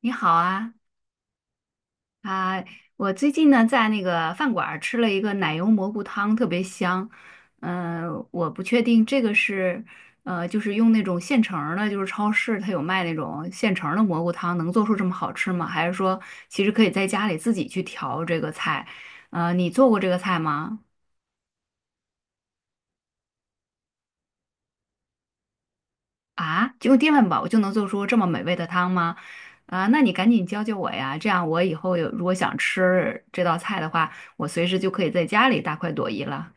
你好啊，啊，我最近呢在那个饭馆儿吃了一个奶油蘑菇汤，特别香。我不确定这个是，就是用那种现成儿的，就是超市它有卖那种现成儿的蘑菇汤，能做出这么好吃吗？还是说其实可以在家里自己去调这个菜？你做过这个菜吗？啊，就用电饭煲就能做出这么美味的汤吗？啊，那你赶紧教教我呀，这样我以后如果想吃这道菜的话，我随时就可以在家里大快朵颐了。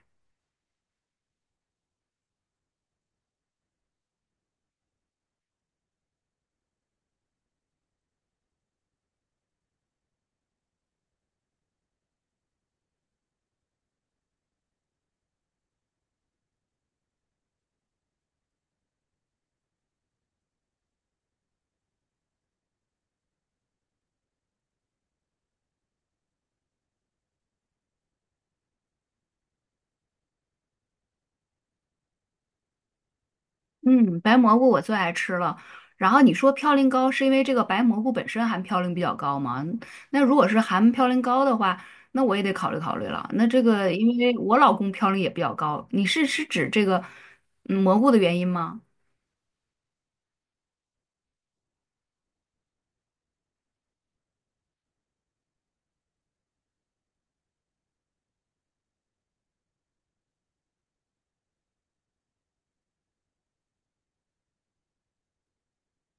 嗯，白蘑菇我最爱吃了。然后你说嘌呤高是因为这个白蘑菇本身含嘌呤比较高吗？那如果是含嘌呤高的话，那我也得考虑考虑了。那这个因为我老公嘌呤也比较高，你是指这个蘑菇的原因吗？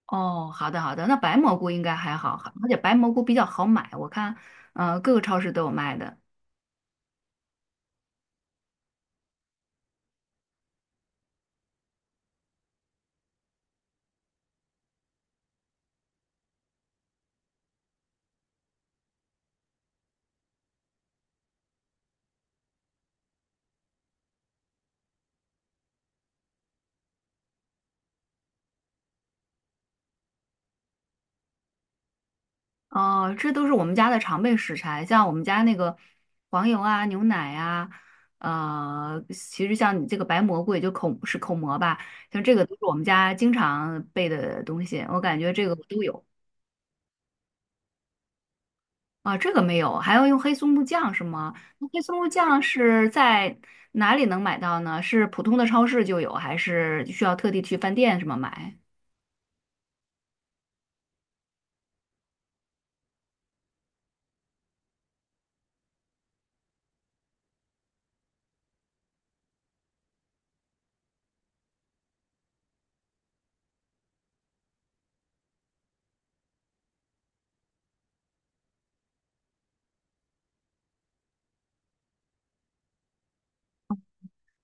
哦，好的好的，那白蘑菇应该还好，而且白蘑菇比较好买，我看，各个超市都有卖的。哦，这都是我们家的常备食材，像我们家那个黄油啊、牛奶啊，其实像你这个白蘑菇，也就口蘑吧，像这个都是我们家经常备的东西，我感觉这个我都有啊，这个没有，还要用黑松露酱是吗？那黑松露酱是在哪里能买到呢？是普通的超市就有，还是需要特地去饭店什么买？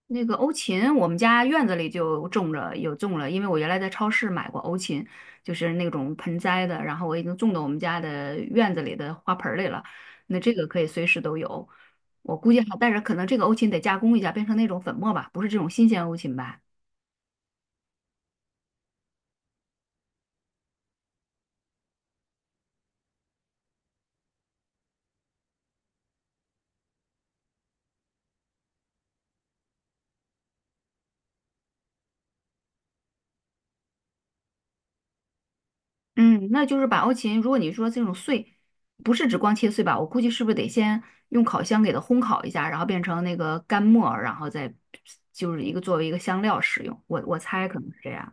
那个欧芹，我们家院子里就种着，有种了，因为我原来在超市买过欧芹，就是那种盆栽的，然后我已经种到我们家的院子里的花盆儿里了。那这个可以随时都有，我估计还，但是可能这个欧芹得加工一下，变成那种粉末吧，不是这种新鲜欧芹吧？嗯，那就是把欧芹，如果你说这种碎，不是指光切碎吧，我估计是不是得先用烤箱给它烘烤一下，然后变成那个干末儿然后再就是一个作为一个香料使用，我猜可能是这样。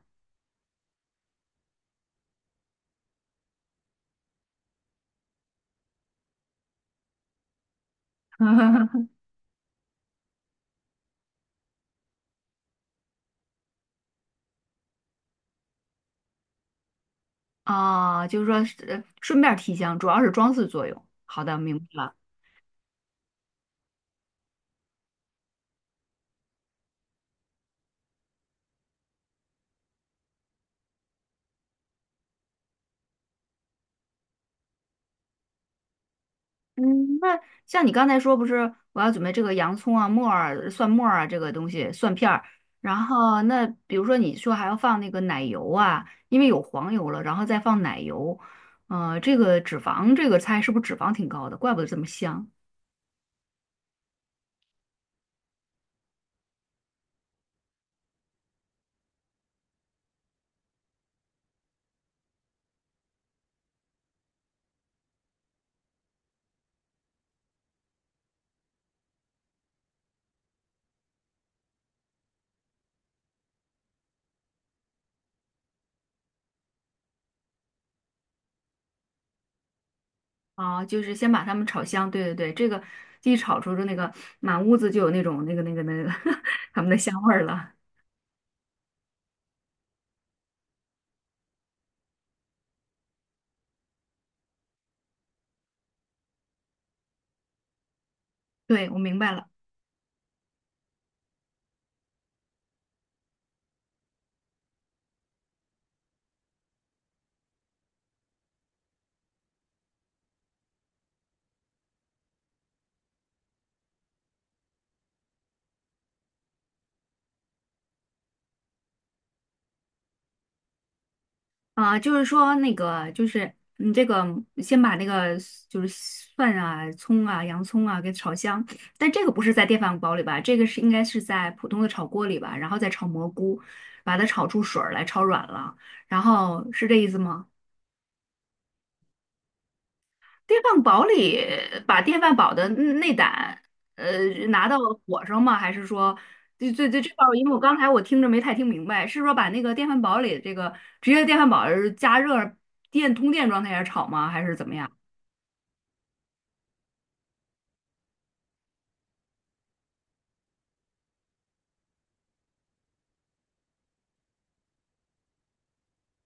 啊，就是说是顺便儿提香，主要是装饰作用。好的，明白了。嗯，那像你刚才说，不是我要准备这个洋葱啊、木耳、蒜末儿啊，这个东西蒜片儿。然后那比如说你说还要放那个奶油啊，因为有黄油了，然后再放奶油。这个脂肪这个菜是不是脂肪挺高的？怪不得这么香啊！就是先把它们炒香。对对对，这个一炒出的那个满屋子就有那种它们的香味儿了。对，我明白了。啊，就是说那个，就是你这个先把那个就是蒜啊、葱啊、洋葱啊给炒香，但这个不是在电饭煲里吧？这个是应该是在普通的炒锅里吧？然后再炒蘑菇，把它炒出水儿来，炒软了，然后是这意思吗？电饭煲里把电饭煲的内胆，拿到火上吗？还是说，这块儿因为我刚才我听着没太听明白，是说把那个电饭煲里这个直接电饭煲儿加热电通电状态下炒吗？还是怎么样？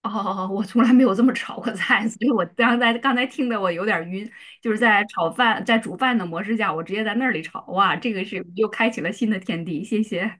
哦，我从来没有这么炒过菜，所以我刚才听得我有点儿晕，就是在炒饭在煮饭的模式下，我直接在那里炒，哇，这个是又开启了新的天地，谢谢。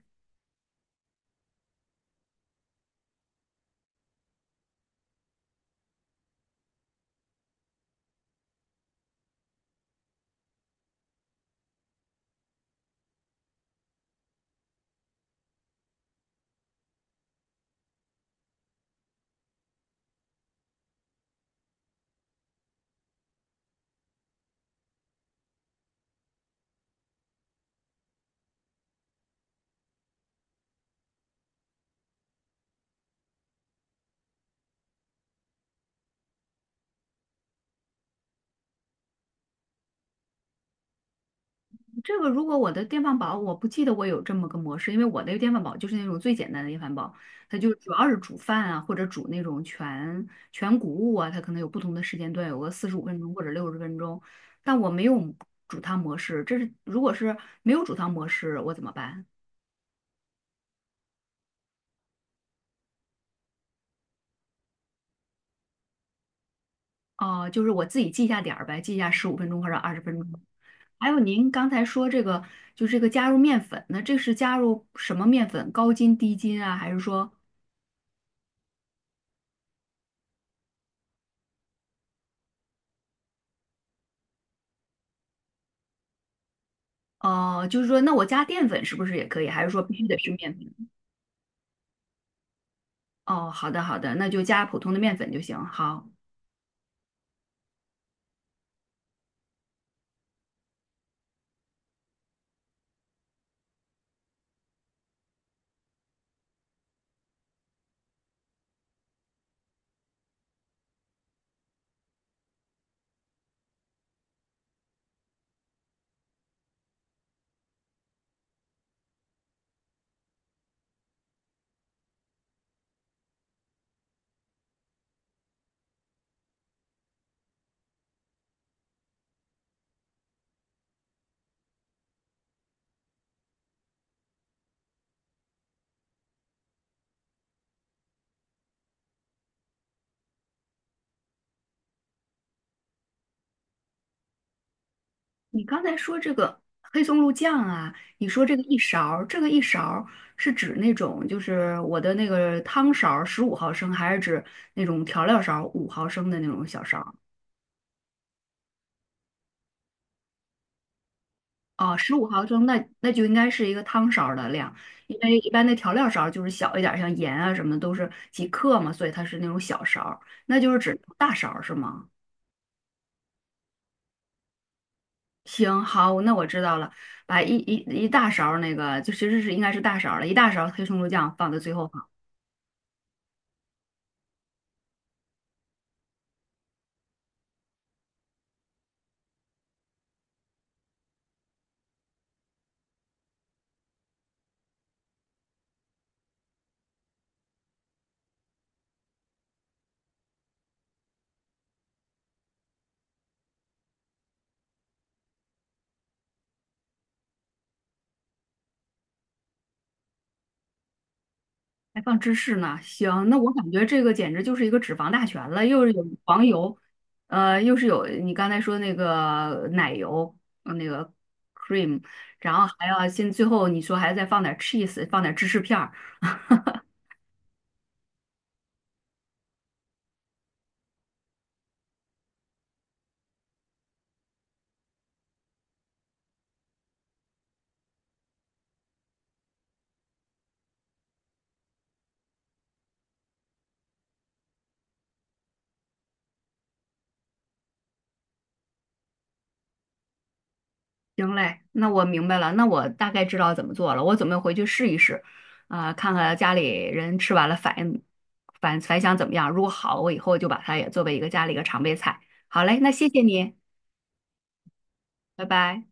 这个如果我的电饭煲，我不记得我有这么个模式，因为我的电饭煲就是那种最简单的电饭煲，它就主要是煮饭啊，或者煮那种全谷物啊，它可能有不同的时间段，有个45分钟或者60分钟，但我没有煮汤模式，这是如果是没有煮汤模式，我怎么办？哦、就是我自己记一下点儿呗，记一下十五分钟或者20分钟。还有您刚才说这个，就是这个加入面粉，那这是加入什么面粉？高筋、低筋啊，还是说？哦，就是说，那我加淀粉是不是也可以？还是说必须得是面粉？哦，好的好的，那就加普通的面粉就行。好，你刚才说这个黑松露酱啊，你说这个一勺儿，这个一勺儿是指那种就是我的那个汤勺十五毫升，还是指那种调料勺五毫升的那种小勺儿？哦，十五毫升，那就应该是一个汤勺儿的量，因为一般的调料勺儿就是小一点儿，像盐啊什么的都是几克嘛，所以它是那种小勺儿，那就是指大勺儿是吗？行，好，那我知道了，把一大勺儿那个，就其实是应该是大勺儿了，一大勺儿黑松露酱放在最后放，还放芝士呢。行，那我感觉这个简直就是一个脂肪大全了，又是有黄油，又是有你刚才说那个奶油，那个 cream，然后还要最后你说还要再放点 cheese，放点芝士片儿。行嘞，那我明白了，那我大概知道怎么做了，我准备回去试一试，啊、看看家里人吃完了反应反响怎么样，如果好，我以后就把它也作为一个家里一个常备菜。好嘞，那谢谢你，拜拜。